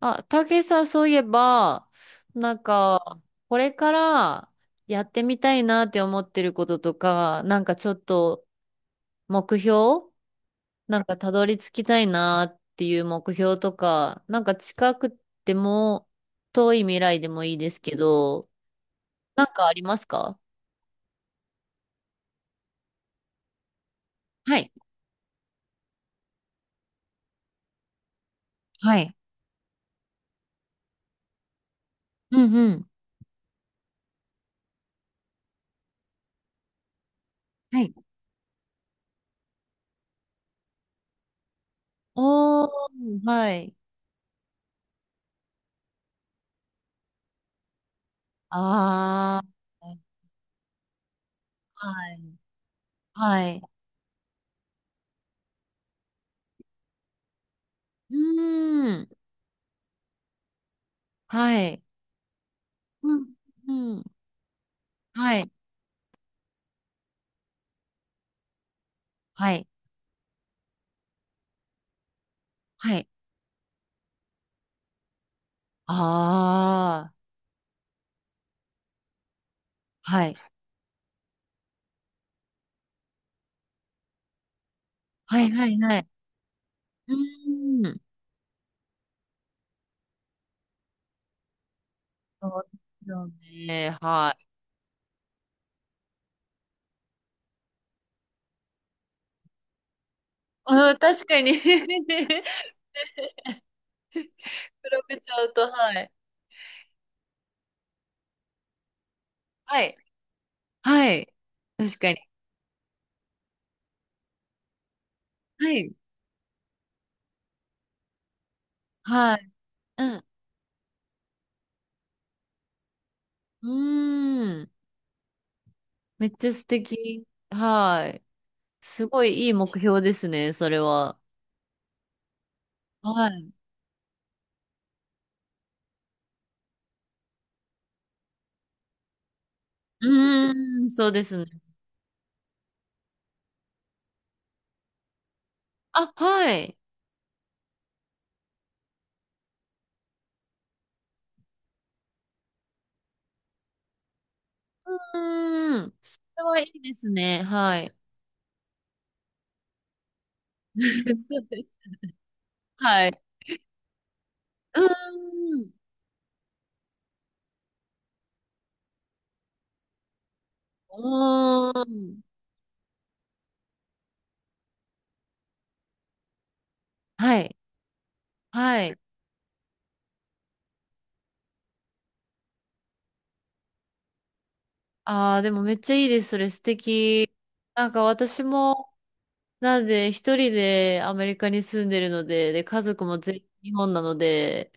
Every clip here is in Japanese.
あ、たけしさん、そういえば、なんか、これからやってみたいなって思ってることとか、なんかちょっと目標なんかたどり着きたいなっていう目標とか、なんか近くても遠い未来でもいいですけど、なんかありますか？はい。はい。うんうん。はい。おー、はい。あーはい。はい。うーん。はい。うん。うんはい。はい。はい。ああ。はい。はい。はい。はい。うーん。そうですよね。はい。うん、確かに 比べちゃうと、はい。はい。はい。確かに。はい。はい。うん。うーん。めっちゃ素敵。はい。すごいいい目標ですね、それは。はい。うーん、そうですね。あ、はい。うーん。それはいいですね。はい。そうですはい。うーん。うーん。はい。はい。ああ、でもめっちゃいいです。それ素敵。なんか私も、なんで一人でアメリカに住んでるので、で、家族も全員日本なので、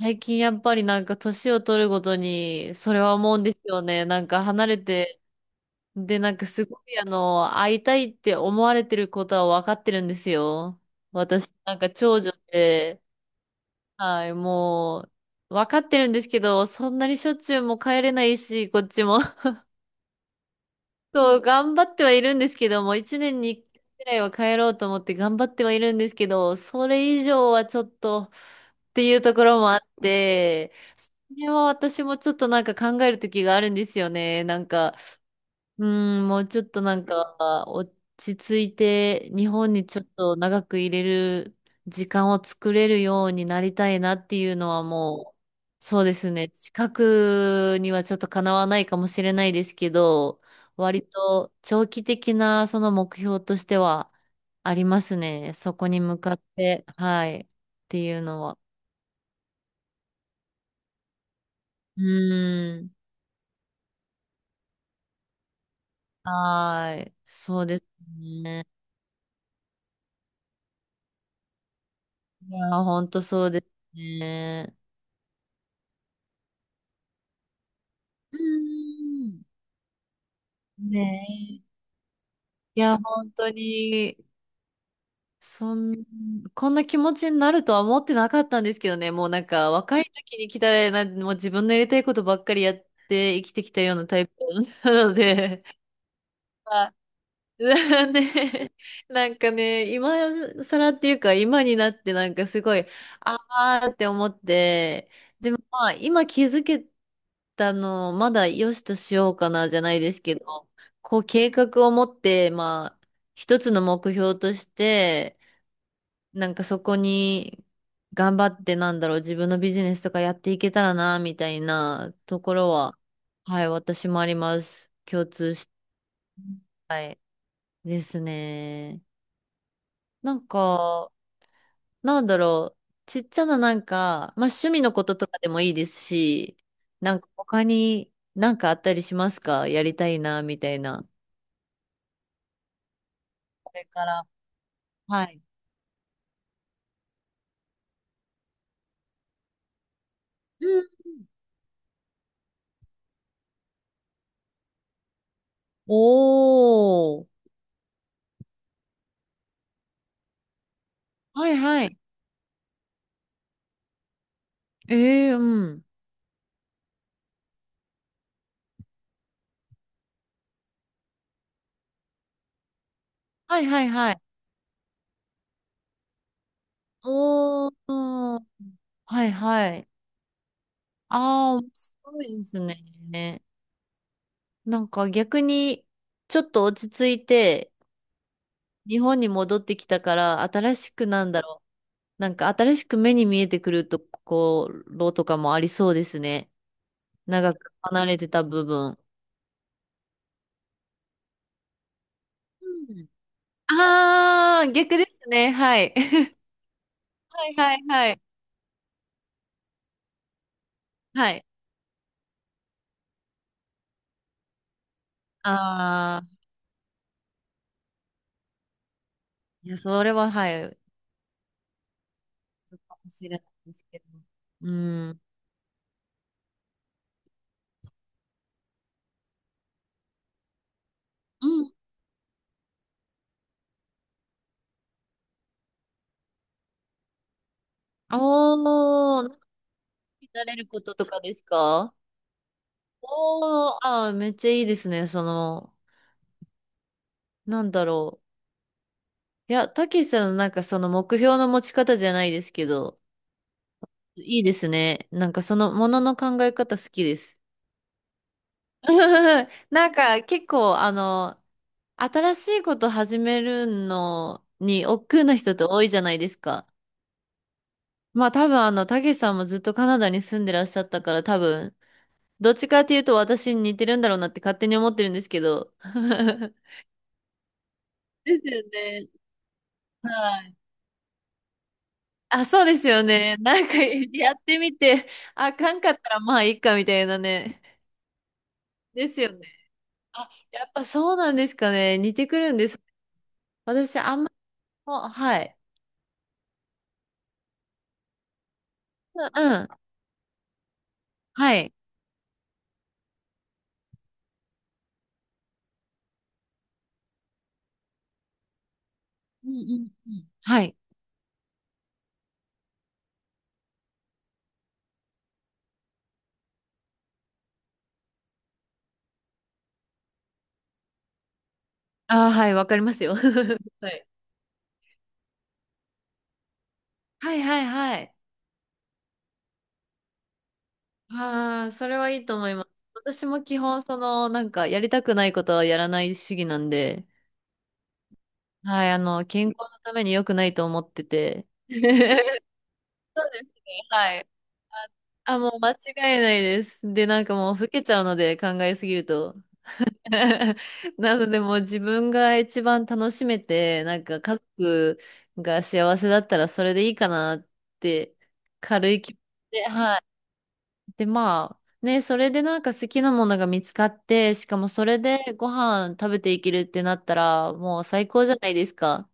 最近やっぱりなんか年を取るごとに、それは思うんですよね。なんか離れて、で、なんかすごいあの、会いたいって思われてることは分かってるんですよ。私、なんか長女で、はい、もう、わかってるんですけど、そんなにしょっちゅうも帰れないし、こっちも。そう、頑張ってはいるんですけども、一年に一回ぐらいは帰ろうと思って頑張ってはいるんですけど、それ以上はちょっとっていうところもあって、それは私もちょっとなんか考える時があるんですよね。なんか、うん、もうちょっとなんか落ち着いて日本にちょっと長く入れる時間を作れるようになりたいなっていうのはもう、そうですね。近くにはちょっとかなわないかもしれないですけど、割と長期的なその目標としてはありますね。そこに向かって、はい、っていうのは。うん、はい、そうですね。いや、本当そうですね。うんねえ。いや、本当に、そん、こんな気持ちになるとは思ってなかったんですけどね。もうなんか、若い時に来たな、もう自分のやりたいことばっかりやって生きてきたようなタイプなので、ね、なんかね、今更っていうか、今になってなんかすごい、あーって思って、でもまあ、今気づけたのをまだ良しとしようかなじゃないですけど、こう計画を持って、まあ、一つの目標として、なんかそこに頑張ってなんだろう、自分のビジネスとかやっていけたらな、みたいなところは、はい、私もあります。共通しですね。なんか、なんだろう。ちっちゃななんか、まあ趣味のこととかでもいいですし、なんか他になんかあったりしますかやりたいな、みたいな。これから。はい。うんおー。はいはい。ええーうん。はいはいはい。おー。うんはいはい。ああ、面白いですね。なんか逆に、ちょっと落ち着いて、日本に戻ってきたから、新しくなんだろうなんか新しく目に見えてくるところとかもありそうですね。長く離れてた部分。ああー、逆ですね。はい。はいはいはい。はい。ああ、いや、それは、はい、かもしれないですけど。うん。うん。おー、なれることとかですか？おー、あー、めっちゃいいですね。その、なんだろう。いや、たけしさんのなんかその目標の持ち方じゃないですけど、いいですね。なんかそのものの考え方好きです。なんか結構あの、新しいこと始めるのに億劫な人って多いじゃないですか。まあ多分あの、たけしさんもずっとカナダに住んでらっしゃったから多分、どっちかっていうと私に似てるんだろうなって勝手に思ってるんですけど。ですよね。はい。あ、そうですよね。なんかやってみて、あかんかったらまあいいかみたいなね。ですよね。あ、やっぱそうなんですかね。似てくるんです。私、あんまりも、はい。うん、うん。はい。うんうんうん。はい。ああ、はい、わかりますよ。はい。はい、はい、はい。ああ、それはいいと思います。私も基本、その、なんか、やりたくないことはやらない主義なんで、はい、あの、健康のために良くないと思ってて。そうですはい。あ、もう間違いないです。で、なんかもう、老けちゃうので、考えすぎると。なのでもう自分が一番楽しめて、なんか家族が幸せだったらそれでいいかなって軽い気持ちで、はい。で、まあね、それでなんか好きなものが見つかって、しかもそれでご飯食べていけるってなったらもう最高じゃないですか。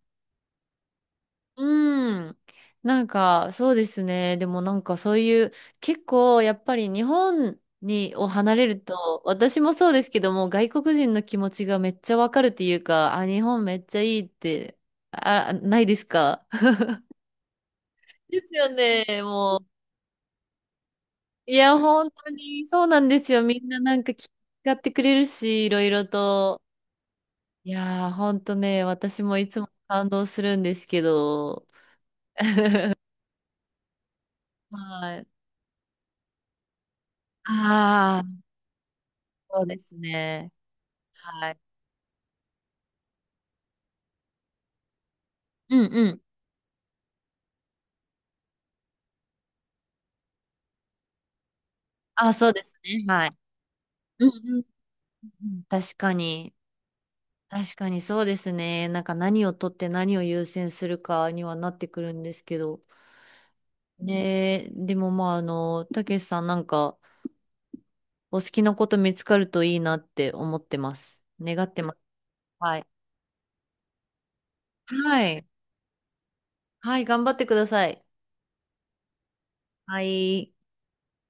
うん。なんか、そうですね。でもなんかそういう、結構やっぱり日本に、を離れると、私もそうですけども、外国人の気持ちがめっちゃわかるっていうか、あ、日本めっちゃいいって、あ、ないですか？ ですよね、もう。いや、本当にそうなんですよ。みんななんか気遣ってくれるし、いろいろと。いやー、本当ね、私もいつも感動するんですけど。はい。ああ、そうですね。はい。うんうん。あ、そうですね。はい。うんうんうん。確かに。確かにそうですね。なんか何を取って何を優先するかにはなってくるんですけど。ねえ、でもまあ、あの、たけしさんなんかお好きなこと見つかるといいなって思ってます。願ってます。はい。はい。はい、頑張ってください。はい。